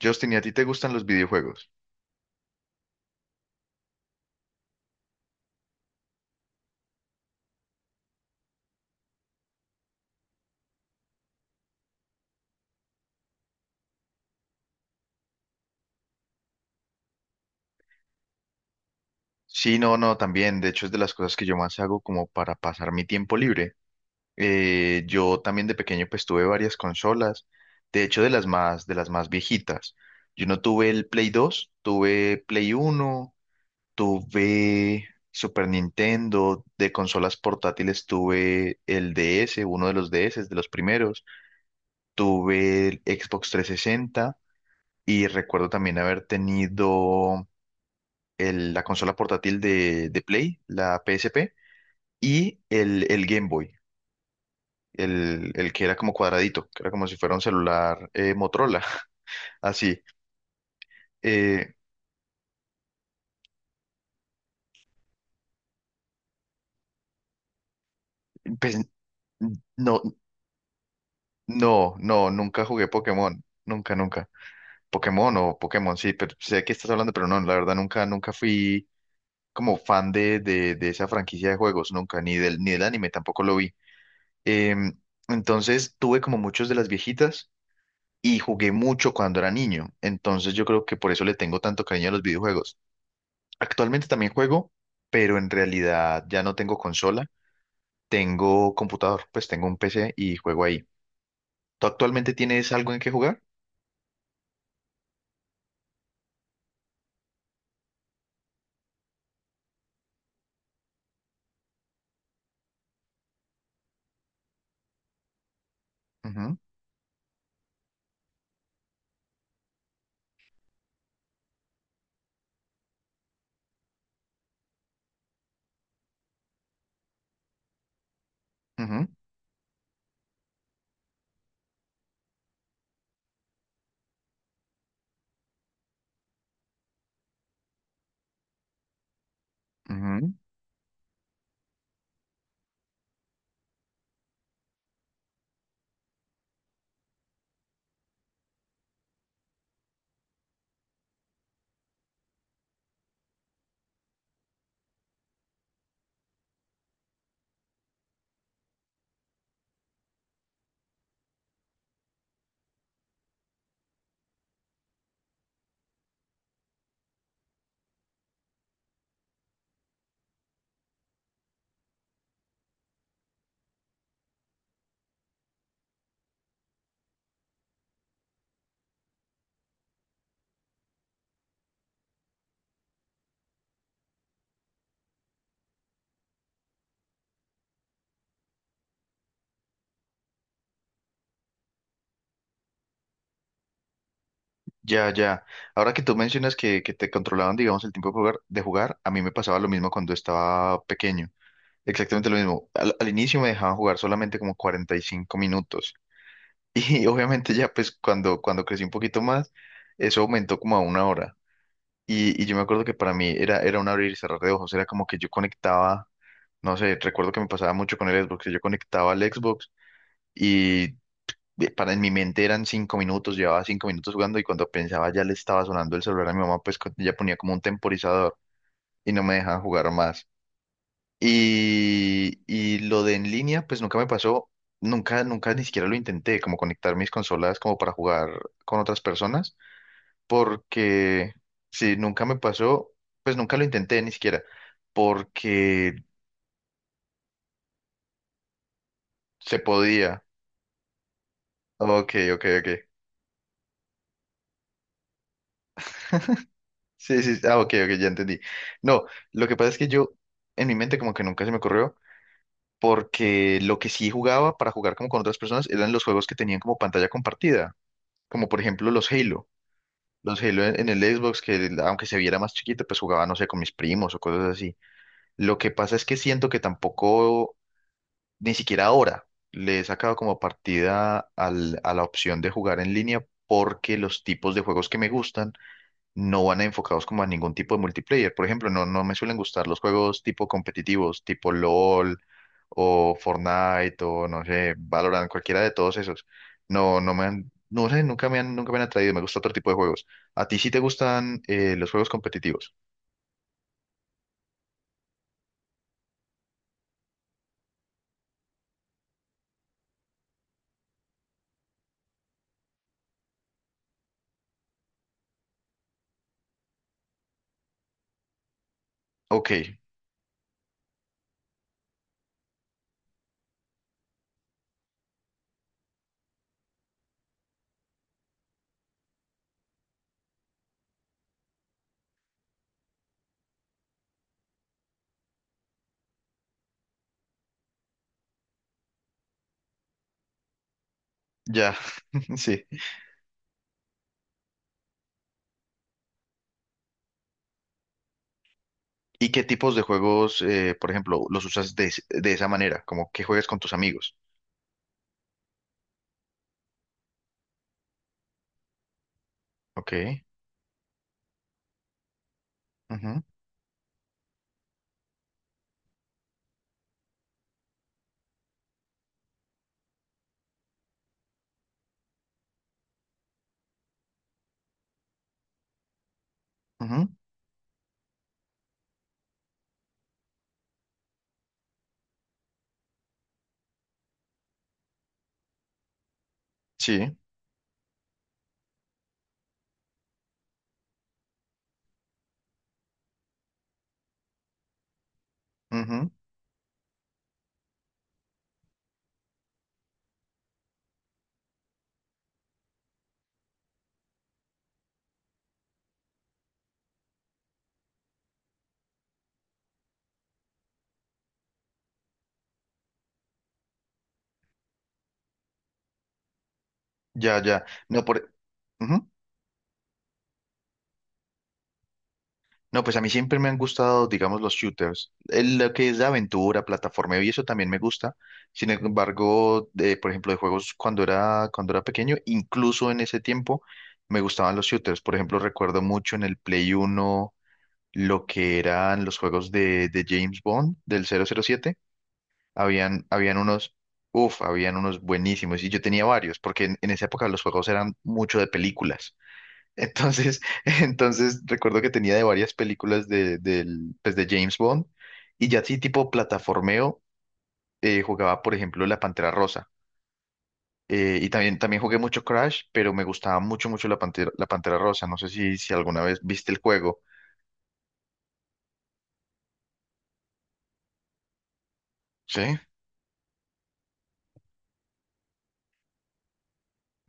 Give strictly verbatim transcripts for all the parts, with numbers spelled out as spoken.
Justin, ¿y a ti te gustan los videojuegos? Sí, no, no, también. De hecho, es de las cosas que yo más hago como para pasar mi tiempo libre. Eh, yo también de pequeño pues tuve varias consolas. De hecho, de las más, de las más viejitas. Yo no tuve el Play dos, tuve Play uno, tuve Super Nintendo. De consolas portátiles tuve el D S, uno de los D S, de los primeros. Tuve el Xbox trescientos sesenta y recuerdo también haber tenido el- la consola portátil de, de Play, la P S P, y el, el Game Boy, el, el que era como cuadradito, que era como si fuera un celular eh, Motorola, así. Eh, pues no, no, no, nunca jugué Pokémon, nunca, nunca. Pokémon o Pokémon, sí, pero sé que estás hablando, pero no, la verdad nunca, nunca fui como fan de, de, de esa franquicia de juegos, nunca, ni del, ni del anime tampoco lo vi. Em, entonces tuve como muchos de las viejitas y jugué mucho cuando era niño. Entonces yo creo que por eso le tengo tanto cariño a los videojuegos. Actualmente también juego, pero en realidad ya no tengo consola, tengo computador, pues tengo un P C y juego ahí. ¿Tú actualmente tienes algo en qué jugar? Ujú, ujú, ujú. Ya, ya. Ahora que tú mencionas que, que te controlaban, digamos, el tiempo de jugar, de jugar, a mí me pasaba lo mismo cuando estaba pequeño. Exactamente lo mismo. Al, al inicio me dejaban jugar solamente como cuarenta y cinco minutos. Y obviamente ya pues cuando, cuando crecí un poquito más, eso aumentó como a una hora. Y, y yo me acuerdo que para mí era, era un abrir y cerrar de ojos, era como que yo conectaba, no sé, recuerdo que me pasaba mucho con el Xbox, que yo conectaba al Xbox y de- para en mi mente eran cinco minutos, llevaba cinco minutos jugando y cuando pensaba ya le estaba sonando el celular a mi mamá, pues co- ella ponía como un temporizador y no me dejaba jugar más. Y, y lo de en línea, pues nunca me pasó, nunca, nunca ni siquiera lo intenté, como conectar mis consolas como para jugar con otras personas, porque si nunca me pasó, pues nunca lo intenté ni siquiera, porque se podía. Ok, ok, ok. Sí, sí, ah, ok, ok, ya entendí. No, lo que pasa es que yo, en mi mente como que nunca se me ocurrió, porque lo que sí jugaba para jugar como con otras personas eran los juegos que tenían como pantalla compartida, como por ejemplo los Halo. Los Halo en en el Xbox, que aunque se viera más chiquito, pues jugaba, no sé, con mis primos o cosas así. Lo que pasa es que siento que tampoco, ni siquiera ahora, le he sacado como partida al- a la opción de jugar en línea porque los tipos de juegos que me gustan no van enfocados como a ningún tipo de multiplayer. Por ejemplo, no, no me suelen gustar los juegos tipo competitivos, tipo LOL o Fortnite o no sé, Valorant, cualquiera de todos esos. No, no me han, no sé, nunca me han, nunca me han atraído. Me gusta otro tipo de juegos. ¿A ti sí te gustan eh, los juegos competitivos? Ok, ya, sí. ¿Y qué tipos de juegos, eh, por ejemplo, los usas de, es- de esa manera? Como que juegas con tus amigos. Ok, ujú, ujú, sí. Ujú, ya, ya. No, por... Ujú. No, pues a mí siempre me han gustado, digamos, los shooters. El- lo que es de aventura, plataforma y eso también me gusta. Sin embargo, de- por ejemplo, de juegos cuando era, cuando era pequeño, incluso en ese tiempo, me gustaban los shooters. Por ejemplo, recuerdo mucho en el Play Uno lo que eran los juegos de, de James Bond, del cero cero siete. Habían, habían unos, uff, habían unos buenísimos. Y yo tenía varios, porque en, en esa época los juegos eran mucho de películas. Entonces, entonces recuerdo que tenía de varias películas de, del, pues de James Bond y ya así tipo plataformeo eh, jugaba, por ejemplo, La Pantera Rosa. Eh, y también, también jugué mucho Crash, pero me gustaba mucho, mucho La Pantera, La Pantera Rosa. No sé si, si alguna vez viste el juego. ¿Sí?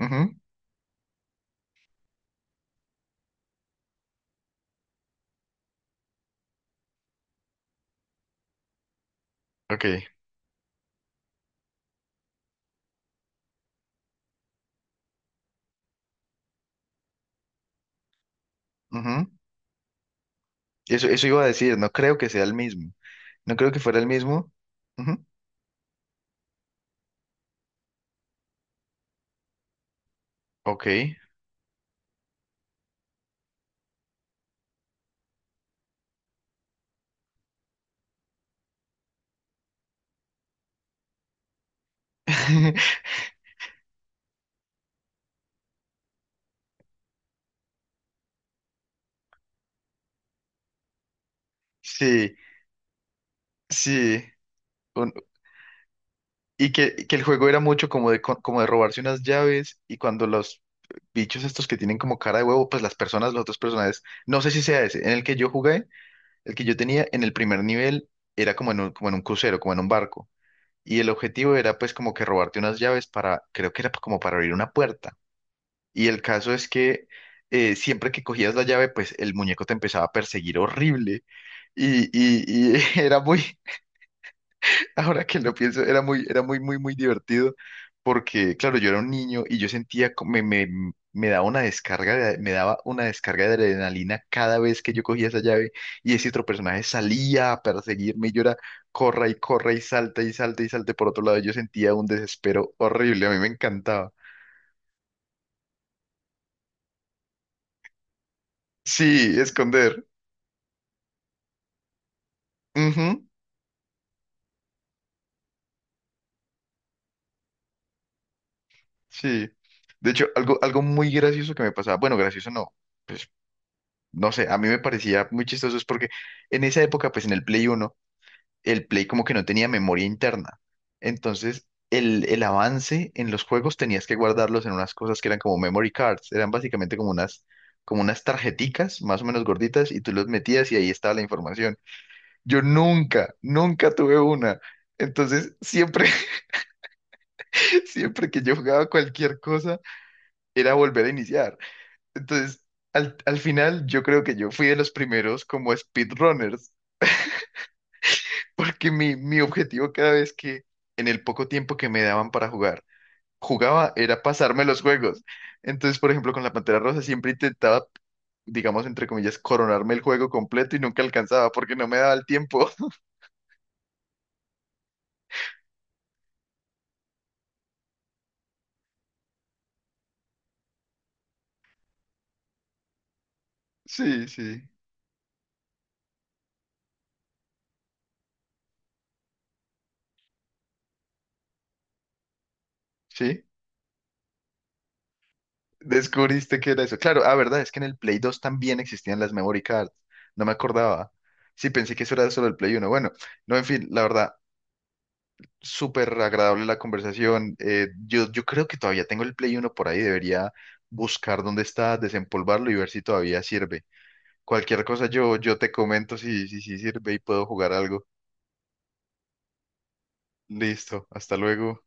Ujú, ok, ujú. Eso, eso iba a decir, no creo que sea el mismo. No creo que fuera el mismo. Ujú, ok. Sí, sí. Un- Y que, que el juego era mucho como de, co- como de robarse unas llaves y cuando los bichos estos que tienen como cara de huevo, pues las personas, los otros personajes, no sé si sea ese, en el que yo jugué, el que yo tenía en el primer nivel era como en un, como en un crucero, como en un barco. Y el objetivo era pues como que robarte unas llaves para, creo que era como para abrir una puerta. Y el caso es que eh, siempre que cogías la llave, pues el muñeco te empezaba a perseguir horrible y, y, y era muy, ahora que lo pienso, era muy, era muy, muy, muy divertido porque, claro, yo era un niño y yo sentía, co- me, me, me daba una descarga, de- me daba una descarga de adrenalina cada vez que yo cogía esa llave y ese otro personaje salía a perseguirme y yo era, corra y corra y salta y salta y salte por otro lado. Yo sentía un desespero horrible, a mí me encantaba. Sí, esconder. Ujú, sí. De hecho, algo, algo muy gracioso que me pasaba, bueno, gracioso no, pues no sé, a mí me parecía muy chistoso es porque en esa época, pues en el Play Uno el Play como que no tenía memoria interna. Entonces, el, el avance en los juegos tenías que guardarlos en unas cosas que eran como memory cards, eran básicamente como unas, como unas tarjeticas más o menos gorditas y tú los metías y ahí estaba la información. Yo nunca, nunca tuve una. Entonces, siempre, siempre que yo jugaba cualquier cosa, era volver a iniciar. Entonces, al, al final, yo creo que yo fui de los primeros como speedrunners. Porque mi, mi objetivo cada vez que en el poco tiempo que me daban para jugar, jugaba era pasarme los juegos. Entonces, por ejemplo, con la Pantera Rosa siempre intentaba, digamos, entre comillas, coronarme el juego completo y nunca alcanzaba porque no me daba el tiempo. Sí, sí, sí. Descubriste que era eso. Claro, ah, verdad, es que en el Play dos también existían las memory cards. No me acordaba. Sí, pensé que eso era solo el Play uno. Bueno, no, en fin, la verdad, súper agradable la conversación. Eh, yo, yo creo que todavía tengo el Play uno por ahí. Debería buscar dónde está, desempolvarlo y ver si todavía sirve. Cualquier cosa yo, yo te comento si, si, si sirve y puedo jugar algo. Listo, hasta luego.